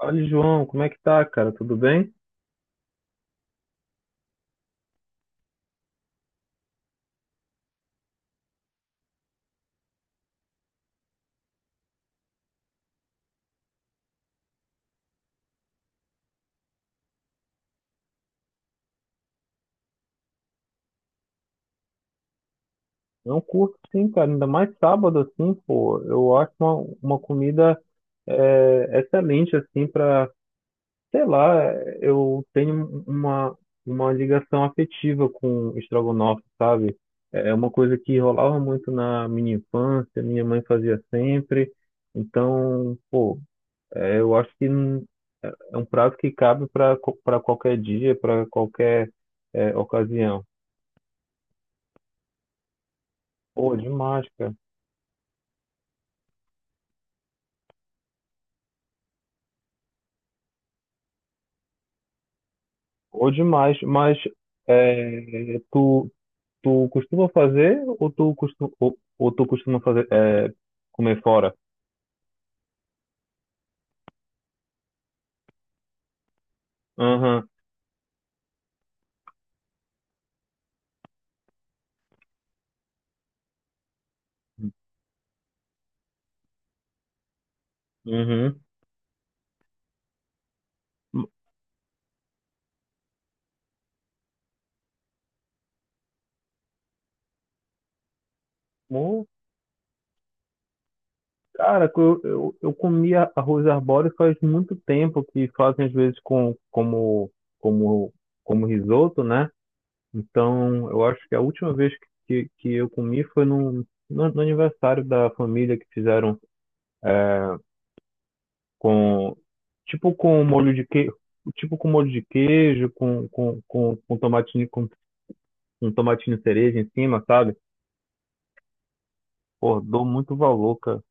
Olha, João, como é que tá, cara? Tudo bem? Não curto sim, cara. Ainda mais sábado, assim, pô. Eu acho uma comida, excelente, assim, pra, sei lá, eu tenho uma ligação afetiva com estrogonofe, sabe? É uma coisa que rolava muito na minha infância, minha mãe fazia sempre. Então, pô, eu acho que é um prato que cabe para qualquer dia, para qualquer ocasião. Pô, demais, cara. Ou demais, mas é, tu, tu costuma fazer ou tu costuma, ou tu costuma fazer comer fora? Aham. Uhum. Mo- Cara, que eu comia arroz arbóreo faz muito tempo que fazem às vezes como, como risoto, né? Então, eu acho que a última vez que eu comi foi no aniversário da família que fizeram com tipo com molho de queijo, tipo com molho de queijo, com tomatinho cereja em cima, sabe? Pô, dou muito valor, cara.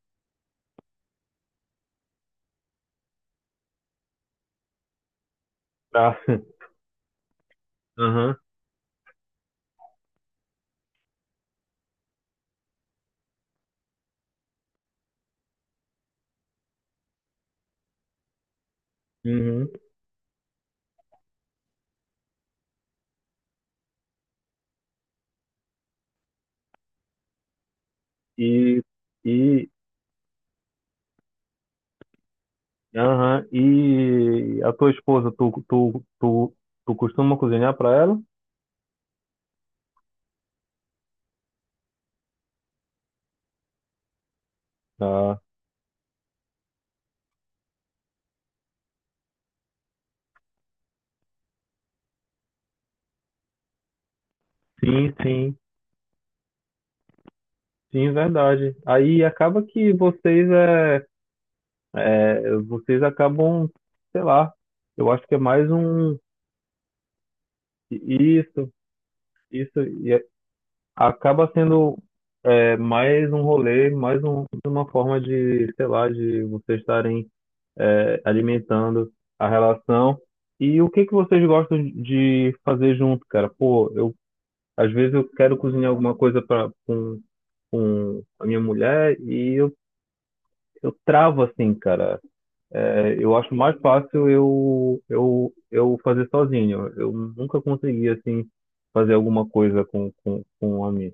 Pra... Aham. Uhum. E e aham. E a tua esposa, tu costuma cozinhar pra ela? Ah, sim, sim. Sim, verdade. Aí acaba que vocês acabam, sei lá, eu acho que é mais um isso, isso acaba sendo, mais um rolê, uma forma de, sei lá, de vocês estarem alimentando a relação. E o que que vocês gostam de fazer junto, cara? Pô, eu às vezes eu quero cozinhar alguma coisa para com a minha mulher e eu travo assim, cara. É, eu acho mais fácil eu fazer sozinho. Eu nunca consegui assim fazer alguma coisa com a minha.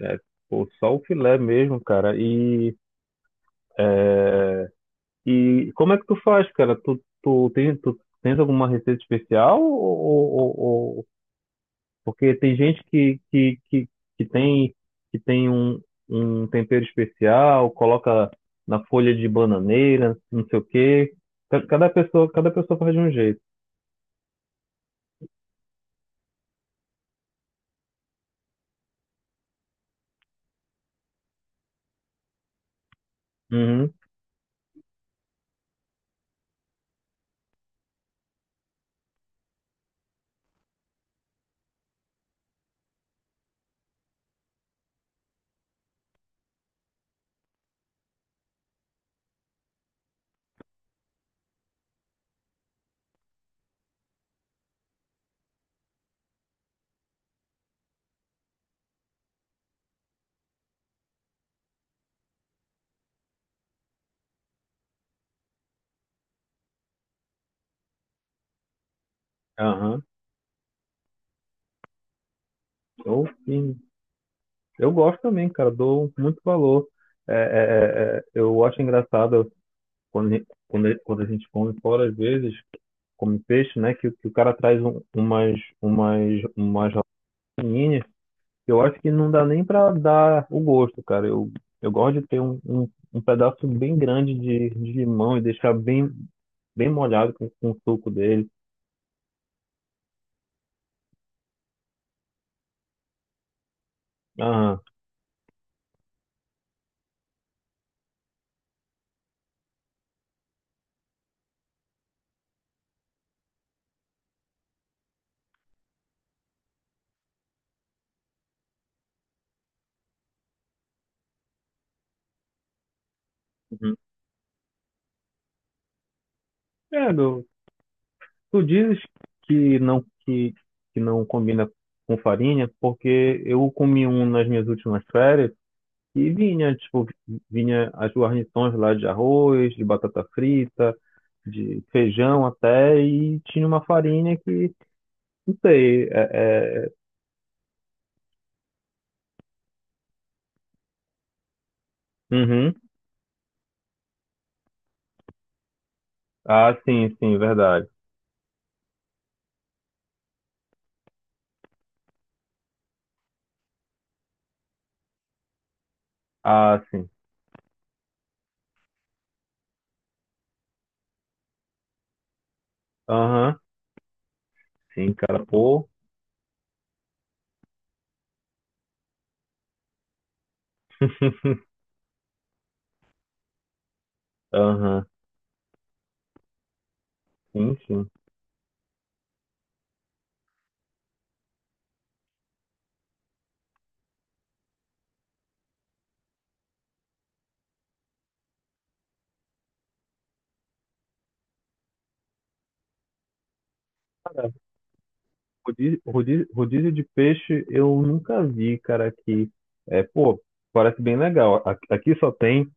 É, pô, só o filé mesmo, cara. E como é que tu faz, cara? Tu tens alguma receita especial? Porque tem gente que tem, que tem um tempero especial, coloca na folha de bananeira, não sei o quê. Cada pessoa faz de um jeito. Uhum. Aham. Eu, sim, eu gosto também, cara. Dou muito valor. Eu acho engraçado. quando, a- quando a gente come fora, às vezes, come peixe, né? Que o cara traz umas rolinhas, que eu acho que não dá nem pra dar o gosto, cara. Eu gosto de ter um pedaço bem grande de limão e deixar bem molhado com o suco dele. Ah. Uhum. É, meu, tu dizes que não, que não combina com farinha, porque eu comi um nas minhas últimas férias. E vinha, tipo, vinha as guarnições lá de arroz, de batata frita, de feijão até, e tinha uma farinha que, não sei. Uhum. Ah, sim, sim, verdade. Ah, sim. Aham. Sim, cara, pô. Aham. Sim, sim. Rodízio de peixe eu nunca vi, cara, aqui. É, pô, parece bem legal. Aqui só tem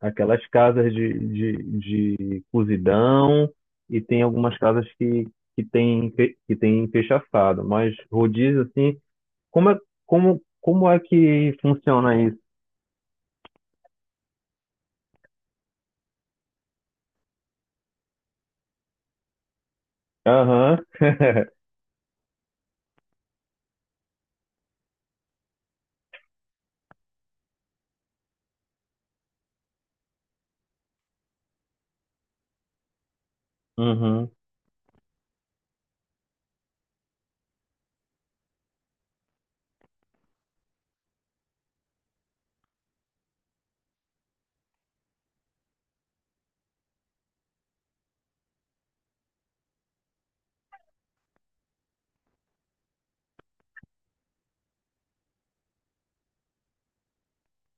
aquelas casas de cozidão e tem algumas casas que tem peixe assado. Mas rodízio, assim, como é, como é que funciona isso? Aham. Uhum.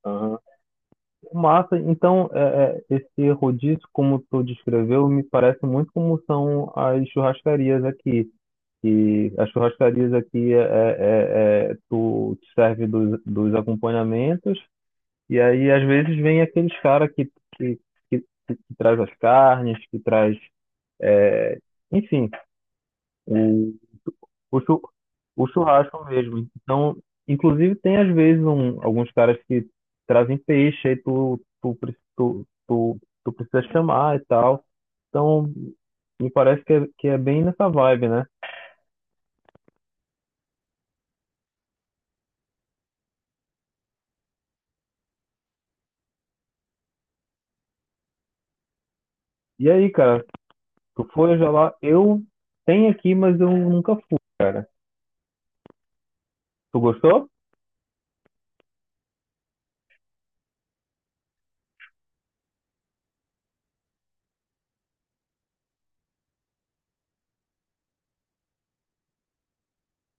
Aham. Massa, então esse rodízio, como tu descreveu, me parece muito como são as churrascarias aqui. E as churrascarias aqui tu te serve dos acompanhamentos. E aí, às vezes, vem aqueles caras que, que traz as carnes, que traz, enfim, o, chu, o churrasco mesmo. Então, inclusive, tem às vezes alguns caras que trazem peixe, aí tu precisa chamar e tal. Então, me parece que é bem nessa vibe, né? E aí, cara, tu foi já lá? Eu tenho aqui, mas eu nunca fui, cara. Tu gostou?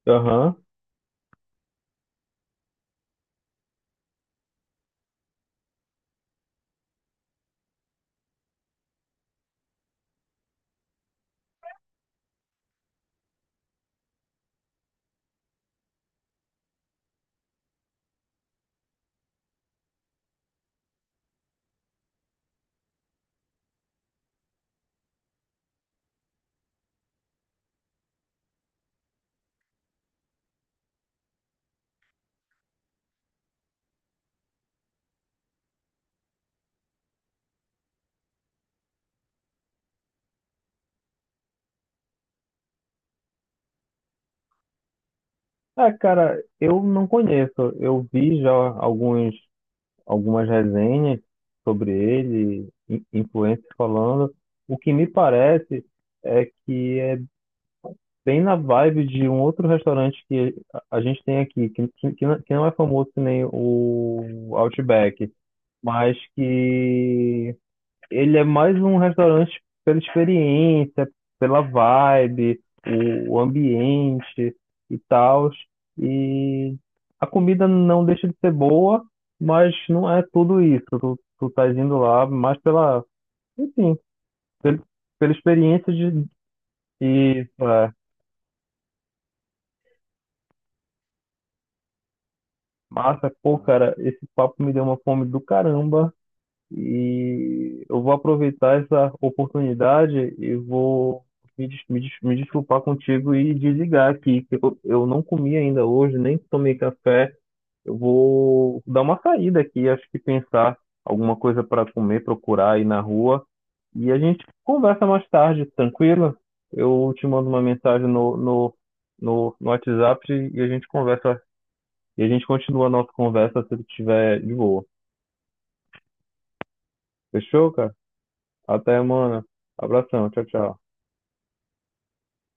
Aham. Ah, cara, eu não conheço. Eu vi já algumas resenhas sobre ele, influencers falando. O que me parece é que é bem na vibe de um outro restaurante que a gente tem aqui, que não é famoso que nem o Outback, mas que ele é mais um restaurante pela experiência, pela vibe, o ambiente e tal. E a comida não deixa de ser boa, mas não é tudo isso. Tu tá indo lá mais pela, enfim, pel- pela experiência de é, Massa. Pô, cara, esse papo me deu uma fome do caramba. E eu vou aproveitar essa oportunidade e vou me desculpar contigo e desligar aqui, que eu não comi ainda hoje, nem tomei café. Eu vou dar uma saída aqui, acho que pensar alguma coisa para comer, procurar aí na rua. E a gente conversa mais tarde, tranquilo? Eu te mando uma mensagem no WhatsApp e a gente conversa, e a gente continua a nossa conversa se tu estiver de boa. Fechou, cara? Até, mano. Abração. Tchau, tchau.